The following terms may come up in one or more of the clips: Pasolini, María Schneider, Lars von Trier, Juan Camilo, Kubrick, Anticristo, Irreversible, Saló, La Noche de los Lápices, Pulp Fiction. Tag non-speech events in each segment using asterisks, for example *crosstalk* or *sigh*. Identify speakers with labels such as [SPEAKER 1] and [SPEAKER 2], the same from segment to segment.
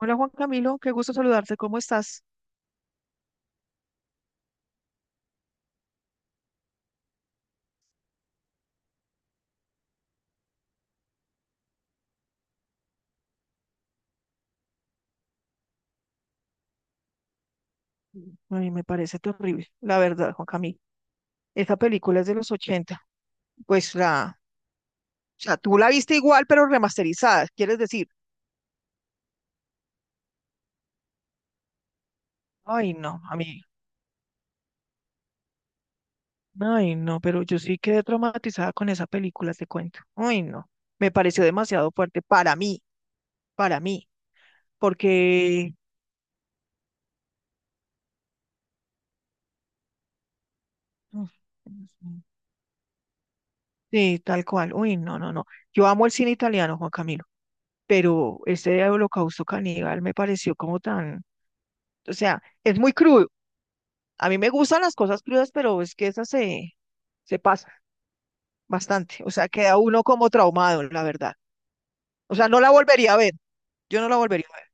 [SPEAKER 1] Hola Juan Camilo, qué gusto saludarte, ¿cómo estás? Ay, me parece terrible, la verdad, Juan Camilo. Esa película es de los 80. pues la, o sea, tú la viste igual, pero remasterizada, ¿quieres decir? Ay, no, a mí, ay, no, pero yo sí quedé traumatizada con esa película, te cuento. Ay, no, me pareció demasiado fuerte para mí, porque, mm, sí, tal cual, uy, no, no, no. Yo amo el cine italiano, Juan Camilo. Pero ese holocausto caníbal me pareció como tan, o sea, es muy crudo. A mí me gustan las cosas crudas, pero es que se pasa bastante. O sea, queda uno como traumado, la verdad. O sea, no la volvería a ver. Yo no la volvería a ver.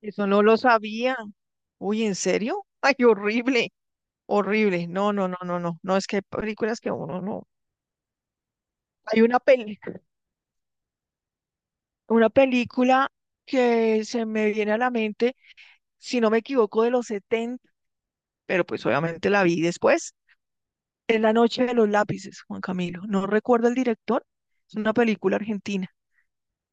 [SPEAKER 1] Eso no lo sabía. Uy, ¿en serio? *laughs* Ay, horrible, horrible. No, no, no, no, no. No, es que hay películas que uno no. Hay una peli, una película que se me viene a la mente, si no me equivoco, de los 70, pero pues obviamente la vi después. Es La Noche de los Lápices, Juan Camilo. No recuerdo el director, es una película argentina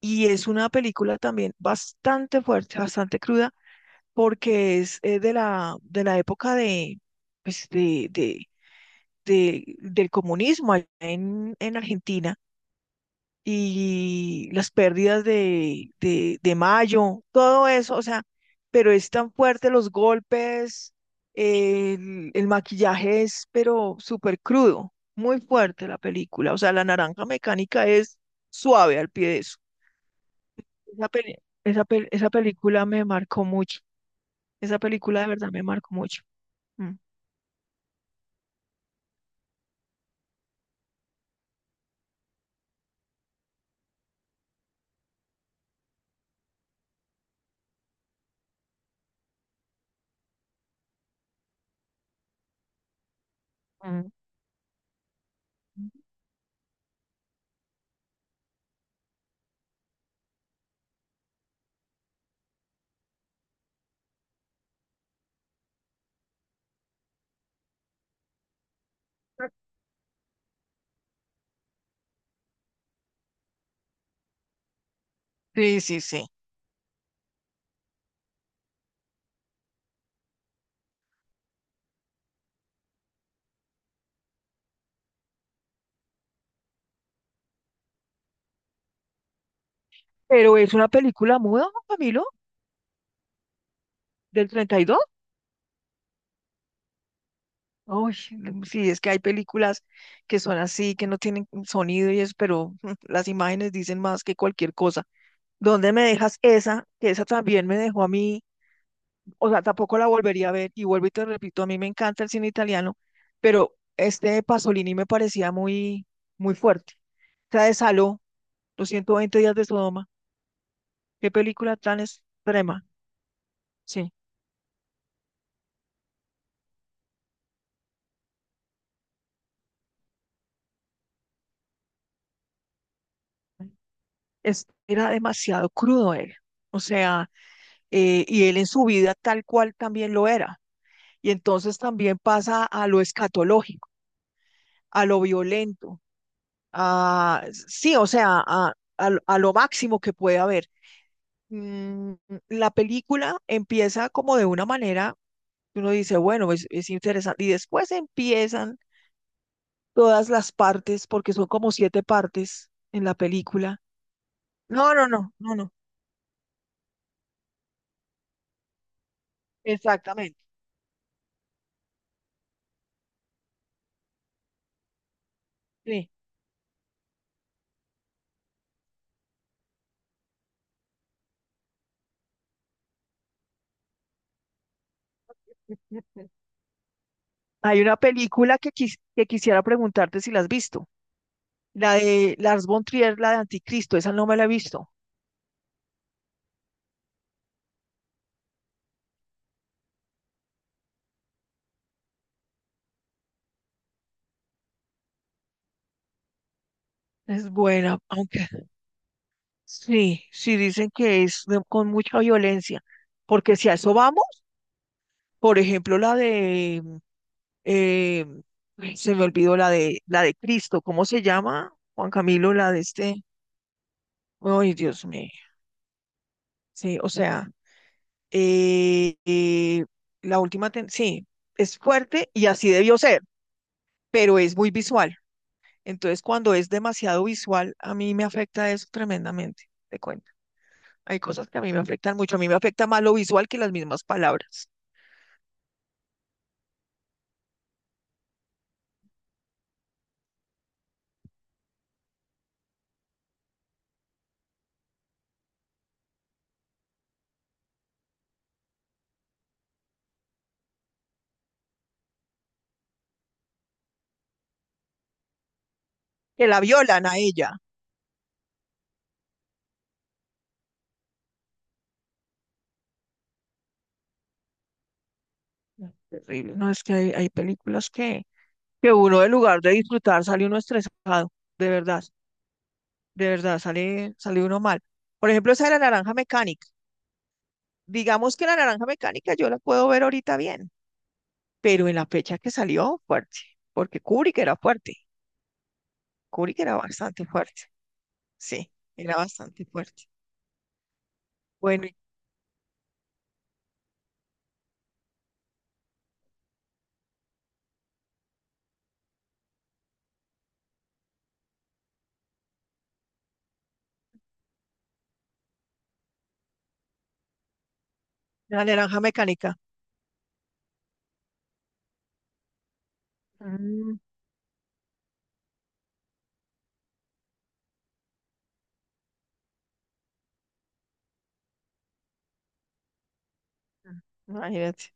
[SPEAKER 1] y es una película también bastante fuerte, bastante cruda, porque es, de la época de, pues de, de, del comunismo allá en Argentina y las pérdidas de Mayo, todo eso. O sea, pero es tan fuerte los golpes, el maquillaje es, pero súper crudo, muy fuerte la película. O sea, la naranja mecánica es suave al pie de eso. Esa, peli- esa película me marcó mucho, esa película de verdad me marcó mucho. Mm, mm. Sí, sí, sí. Pero es una película muda, Camilo, del treinta y dos. Uy, mm, sí, es que hay películas que son así, que no tienen sonido y eso, pero *laughs* las imágenes dicen más que cualquier cosa. ¿Dónde me dejas esa? Que esa también me dejó a mí, o sea, tampoco la volvería a ver. Y vuelvo y te repito, a mí me encanta el cine italiano, pero este Pasolini me parecía muy fuerte. O sea, de Saló, los 120 días de Sodoma, qué película tan extrema, sí. Es, era demasiado crudo él. O sea, y él en su vida tal cual también lo era. Y entonces también pasa a lo escatológico, a lo violento, a, sí, o sea, a lo máximo que puede haber. Mm, La película empieza como de una manera, que uno dice, bueno, es interesante. Y después empiezan todas las partes, porque son como siete partes en la película. No, no, no, no, no. Exactamente. Sí. Ujú. Hay una película que, que quisiera preguntarte si la has visto. La de Lars von Trier, la de Anticristo, esa no me la he visto. Es buena, aunque sí, sí dicen que es con mucha violencia, porque si a eso vamos, por ejemplo, eh, ay, se me olvidó la de Cristo, ¿cómo se llama? Juan Camilo, la de este, ay, Dios mío, sí, o sea, eh, eh, sí, es fuerte y así debió ser, pero es muy visual. Entonces cuando es demasiado visual, a mí me afecta eso tremendamente, te cuento. Hay cosas que a mí me afectan mucho. A mí me afecta más lo visual que las mismas palabras. Que la violan a ella. Terrible. No, es que hay películas que uno, en lugar de disfrutar, sale uno estresado. De verdad, de verdad, sale uno mal. Por ejemplo, esa de la naranja mecánica. Digamos que la naranja mecánica yo la puedo ver ahorita bien, pero en la fecha que salió, fuerte, porque Kubrick era fuerte, Kubrick era bastante fuerte, sí, era bastante fuerte. Bueno, y la naranja mecánica. Mm, imagínate,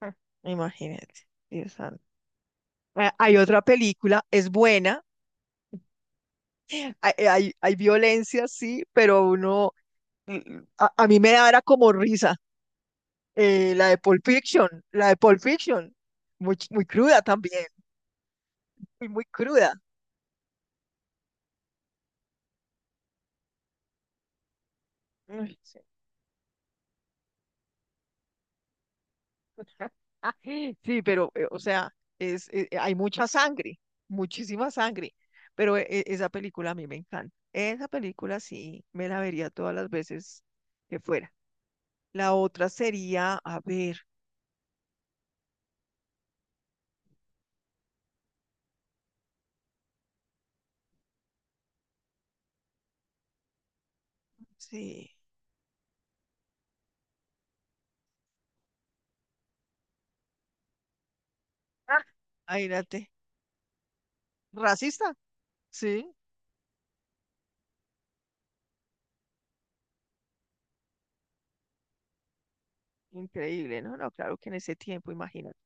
[SPEAKER 1] ah, imagínate, Dios santo. Ah, hay otra película, es buena, hay violencia, sí, pero uno, a mí me da era como risa, la de Pulp Fiction, muy cruda también, muy cruda. Mm. *laughs* Sí, pero, hay mucha sangre, muchísima sangre, pero esa película a mí me encanta. Esa película sí, me la vería todas las veces que fuera. La otra sería, a ver, sí, ah, imagínate, racista, sí, increíble, ¿no? No, claro que en ese tiempo, imagínate,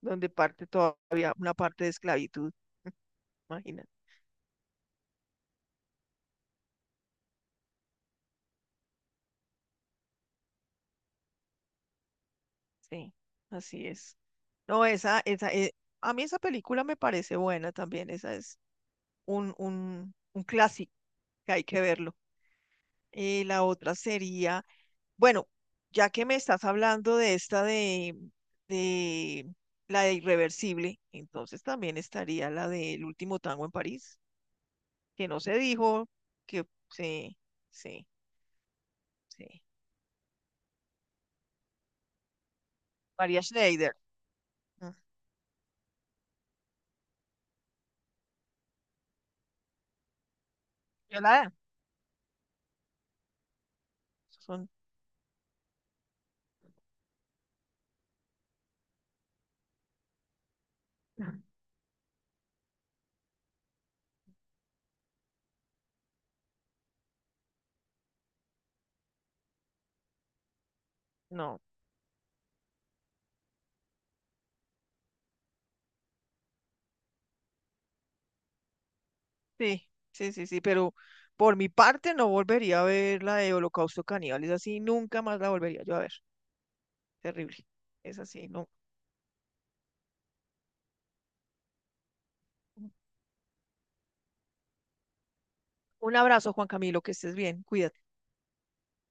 [SPEAKER 1] donde parte todavía una parte de esclavitud, *laughs* imagínate, sí, así es. No, a mí esa película me parece buena también, esa es un clásico que hay que verlo. La otra sería, bueno, ya que me estás hablando de esta de la de Irreversible, entonces también estaría la del último tango en París, que no se dijo, que sí, sí, sí. María Schneider. Mm. Yolanda. Son, no, sí, sí, sí, sí, pero por mi parte no volvería a ver la de Holocausto Caníbal, es así, nunca más la volvería yo a ver. Terrible. Es así, no. Un abrazo, Juan Camilo, que estés bien, cuídate.